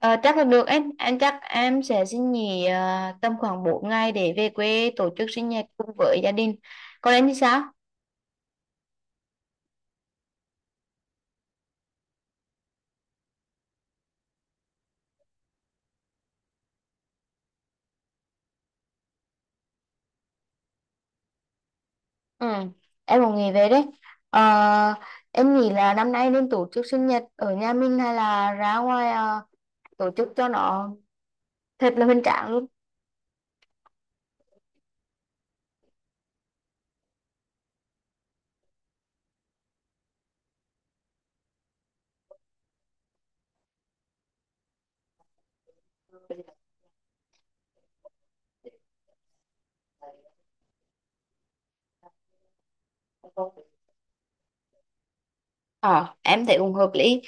Ờ, Chắc là được em. Anh chắc em sẽ xin nghỉ tầm khoảng 4 ngày để về quê tổ chức sinh nhật cùng với gia đình. Còn em thì sao? Ừ, em cũng nghỉ về đấy. Ờ, em nghĩ là năm nay nên tổ chức sinh nhật ở nhà mình hay là ra ngoài tổ chức cho nó thật là hoành tráng luôn. Ờ, em thấy cũng hợp lý.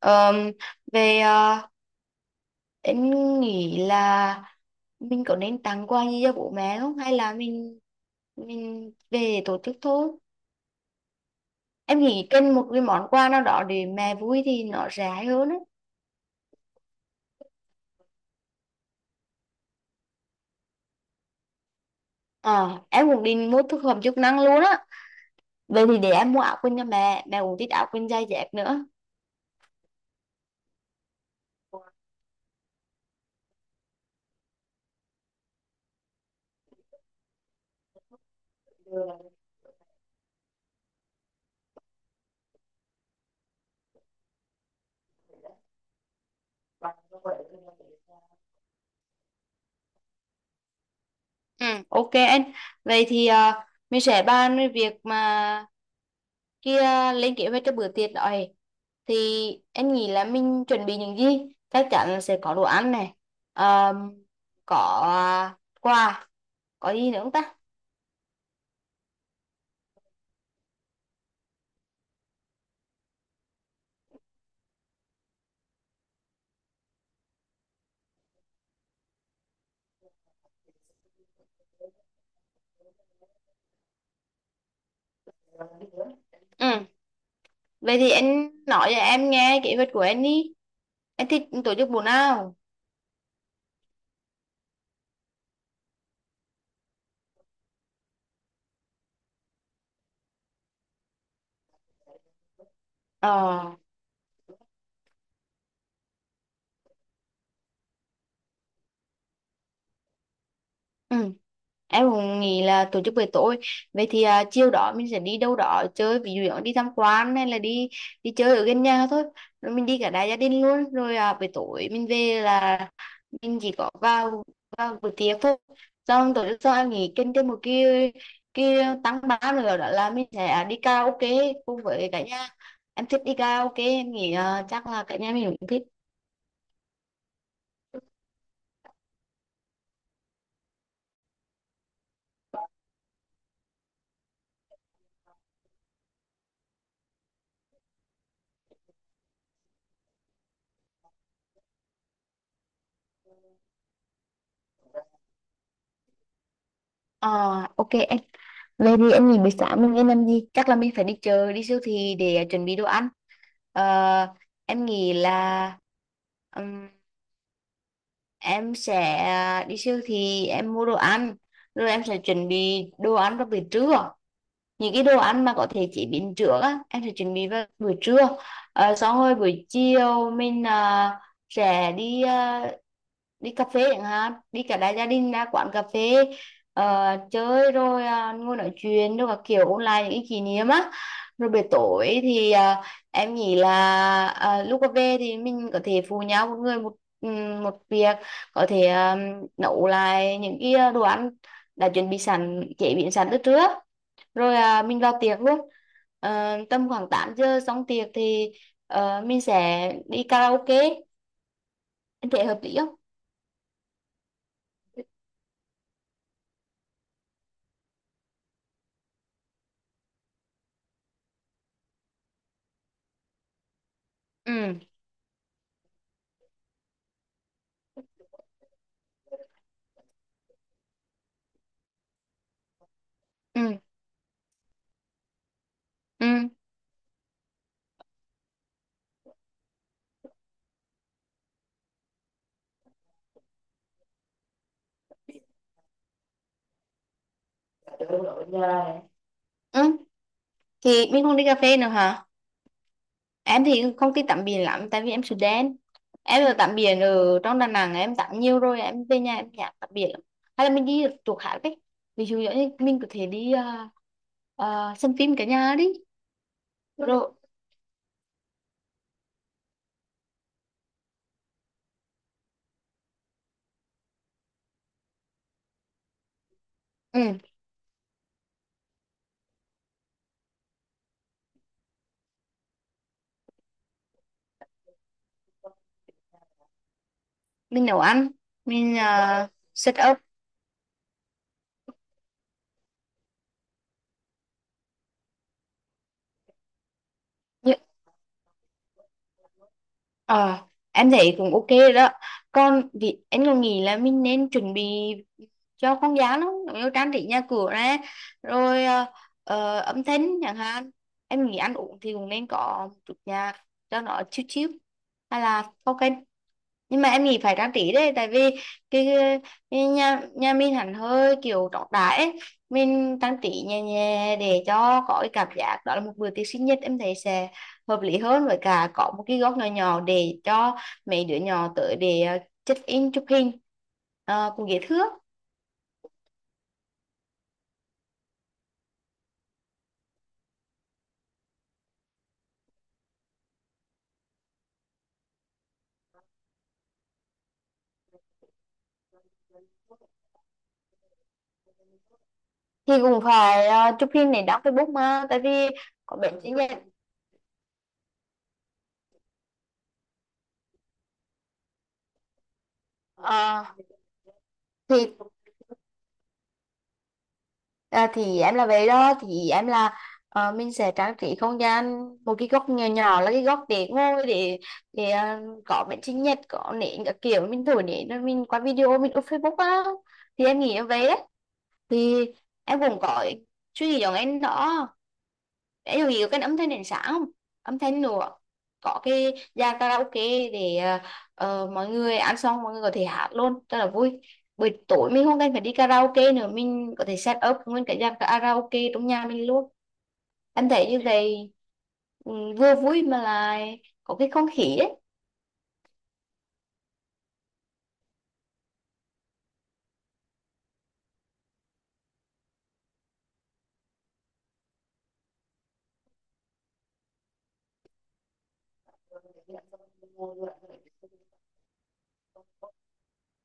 Ờm, Về em nghĩ là mình có nên tặng quà gì cho bố mẹ không, hay là mình về tổ chức thôi. Em nghĩ cần một cái món quà nào đó để mẹ vui thì nó rẻ hơn á. Ờ, em cũng định mua thực phẩm chức năng luôn á. Vậy thì để em mua áo quần cho mẹ, mẹ cũng thích áo quần dày dép nữa. Ừ, ok anh. Vậy thì mình sẽ bàn về việc mà kia, lên kế hoạch cho bữa tiệc đó ấy. Thì em nghĩ là mình chuẩn bị những gì. Chắc chắn là sẽ có đồ ăn này. Ờ, có quà, có gì nữa không ta? Ừ, vậy thì anh nói cho em nghe kế hoạch của anh đi. Anh thích tổ chức buổi nào? Ờ. Ừ, em cũng nghĩ là tổ chức buổi tối. Vậy thì chiều đó mình sẽ đi đâu đó chơi, ví dụ đi tham quan hay là đi đi chơi ở gần nhà thôi, rồi mình đi cả đại gia đình luôn. Rồi buổi tối mình về là mình chỉ có vào vào buổi tiệc thôi, xong tổ chức sau. Em nghỉ kinh thêm một cái tăng ba nữa, đó là mình sẽ đi karaoke cùng với cả nhà. Em thích đi karaoke, em nghĩ chắc là cả nhà mình cũng thích. Ờ, ok em. Về đi em nghỉ buổi sáng mình nên làm gì, chắc là mình phải đi chợ đi siêu thị để chuẩn bị đồ ăn. Ờ, em nghĩ là ừm, em sẽ đi siêu thị em mua đồ ăn rồi em sẽ chuẩn bị đồ ăn vào buổi trưa. Những cái đồ ăn mà có thể chế biến trước á em sẽ chuẩn bị vào buổi trưa. Xong rồi buổi chiều mình sẽ đi đi cà phê chẳng hạn, đi cả đại gia đình ra quán cà phê ờ, chơi rồi ngồi nói chuyện rồi các kiểu ôn lại những cái kỷ niệm á. Rồi buổi tối thì em nghĩ là lúc về thì mình có thể phụ nhau một người một một việc, có thể nấu lại những cái đồ ăn đã chuẩn bị sẵn chế biến sẵn từ trước, rồi mình vào tiệc luôn. Tầm khoảng 8 giờ xong tiệc thì mình sẽ đi karaoke. Em thấy hợp lý không? Ừ. Ừ. Ừ. Ừ thì mình không đi cà phê nữa hả? Em thì không thích tắm biển lắm tại vì em Sudan đen. Em ở tắm biển ở trong Đà Nẵng em tắm nhiều rồi, em về nhà em nhạt tắm biển lắm. Hay là mình đi chỗ khác đấy, ví dụ như mình có thể đi xem phim cả nhà đi. Rồi. Ừ, mình nấu ăn. Mình set. Như- Ờ, em thấy cũng ok rồi đó. Còn vì em còn nghĩ là mình nên chuẩn bị cho con giáo lắm, ví dụ trang trí nhà cửa này, rồi âm thanh chẳng hạn. Em nghĩ ăn uống thì cũng nên có một chút nhạc cho nó chill chill. Hay là ok, nhưng mà em nghĩ phải trang trí đấy, tại vì cái, cái nhà nhà mình hẳn hơi kiểu trọng đại ấy. Mình trang trí nhẹ nhẹ để cho có cái cảm giác đó là một bữa tiệc sinh nhật, em thấy sẽ hợp lý hơn. Với cả có một cái góc nhỏ nhỏ để cho mấy đứa nhỏ tới để check in chụp hình. Cùng dễ thương. Thì cũng phải chụp hình để đăng Facebook mà, tại vì có bệnh sinh nhật. Ờ, thì thì em là vậy đó, thì em là ờ, mình sẽ trang trí không gian một cái góc nhỏ nhỏ, là cái góc để ngồi, để để ờ, có bánh sinh nhật, có nến các kiểu, mình thổi nến rồi mình qua video mình up Facebook á. Thì em nghĩ em vậy đấy. Thì em cũng có suy nghĩ giống anh đó. Ví dụ như cái âm thanh đến sáng không, âm thanh nữa, có cái dàn karaoke để mọi người ăn xong mọi người có thể hát luôn rất là vui. Buổi tối mình không cần phải đi karaoke nữa, mình có thể set up nguyên cái dàn karaoke trong nhà mình luôn. Em thấy như vậy. Ừ, vừa vui mà lại có cái không khí ấy.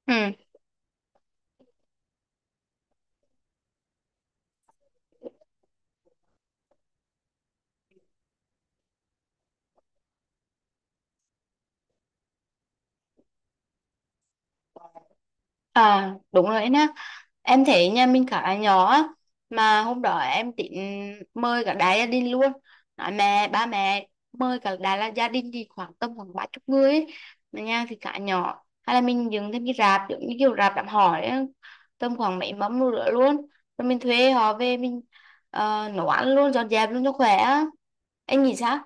Ừ. À đúng rồi nè. Em thấy nhà mình khá nhỏ á, mà hôm đó em tính mời cả đại gia đình luôn, nói mẹ ba mẹ mời cả đại là gia đình, thì khoảng tầm khoảng 30 người ấy. Mà nhà thì khá nhỏ, hay là mình dựng thêm cái rạp giống như kiểu rạp đám hỏi ấy, tầm khoảng mấy mâm nữa luôn, rồi mình thuê họ về mình nấu ăn luôn dọn dẹp luôn cho khỏe á. Anh nghĩ sao?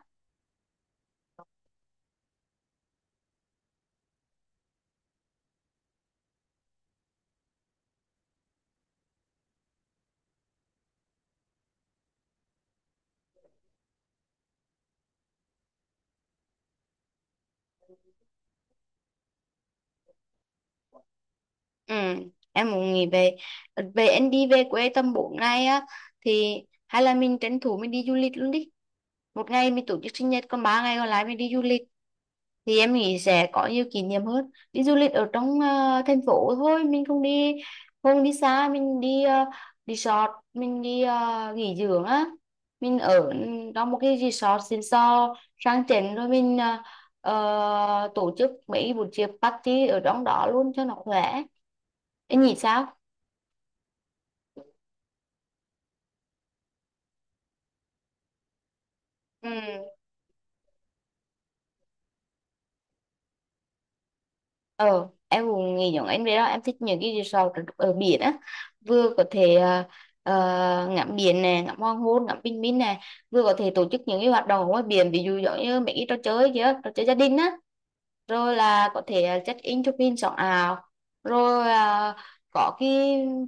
Ừ, em muốn nghỉ về về em đi về quê tầm 4 ngày á, thì hay là mình tranh thủ mình đi du lịch luôn đi. Một ngày mình tổ chức sinh nhật, còn 3 ngày còn lại mình đi du lịch. Thì em nghĩ sẽ có nhiều kỷ niệm hơn. Đi du lịch ở trong thành phố thôi, mình không đi, không đi xa, mình đi resort, mình đi nghỉ dưỡng á. Mình ở trong một cái resort xịn sò sang chảnh, rồi mình tổ chức mấy buổi tiệc party ở trong đó luôn cho nó khỏe. Em nghĩ sao? Ừ. Ờ, em cũng nghĩ giống anh vậy đó. Em thích những cái resort ở ở biển á. Vừa có thể ngắm biển nè, ngắm hoàng hôn, ngắm bình minh nè. Vừa có thể tổ chức những cái hoạt động ở ngoài biển. Ví dụ giống như mấy cái trò chơi kia, trò chơi gia đình á. Rồi là có thể check in chụp hình sống ảo. Rồi có cái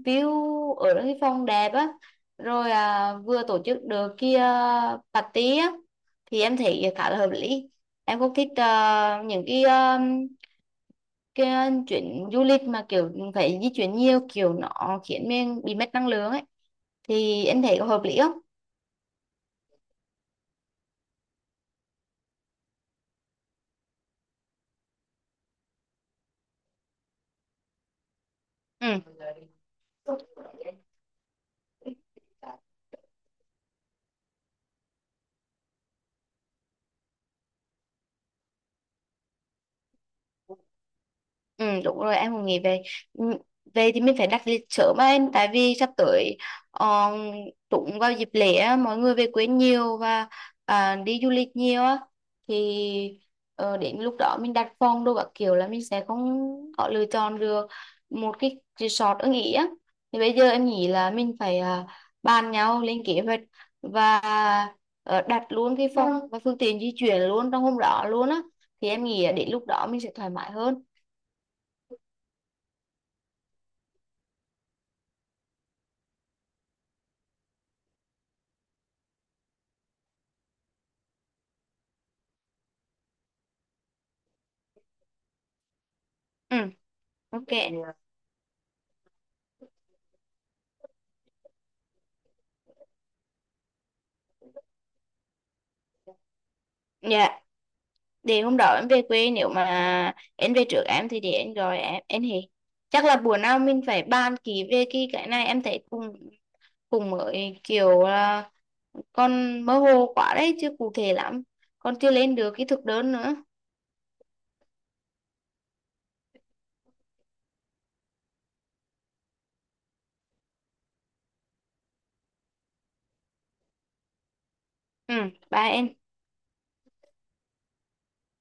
view ở cái phòng đẹp á, rồi vừa tổ chức được kia party á. Thì em thấy khá là hợp lý. Em cũng thích những cái cái chuyến du lịch mà kiểu phải di chuyển nhiều, kiểu nó khiến mình bị mất năng lượng ấy. Thì em thấy có hợp lý không? Ừ. Ừ đúng rồi, em cũng nghĩ về. Ừ, về thì mình phải đặt lịch sớm á em, tại vì sắp tới uh, trúng vào dịp lễ á, mọi người về quê nhiều và đi du lịch nhiều á. Thì đến lúc đó mình đặt phòng đồ các kiểu là mình sẽ không có lựa chọn được một cái resort ưng ý á. Thì bây giờ em nghĩ là mình phải bàn nhau lên kế hoạch và đặt luôn cái phòng và phương tiện di chuyển luôn trong hôm đó luôn á. Thì em nghĩ đến lúc đó mình sẽ thoải mái hơn. Ừ. Ok. Dạ. Dạ, để hôm đó em về quê, nếu mà em về trước em thì để em gọi em. Em thì chắc là bữa nào mình phải bàn kỹ về cái này. Em thấy cùng cùng mới kiểu là con mơ hồ quá đấy, chưa cụ thể lắm, còn chưa lên được cái thực đơn nữa. Ừ, bye em.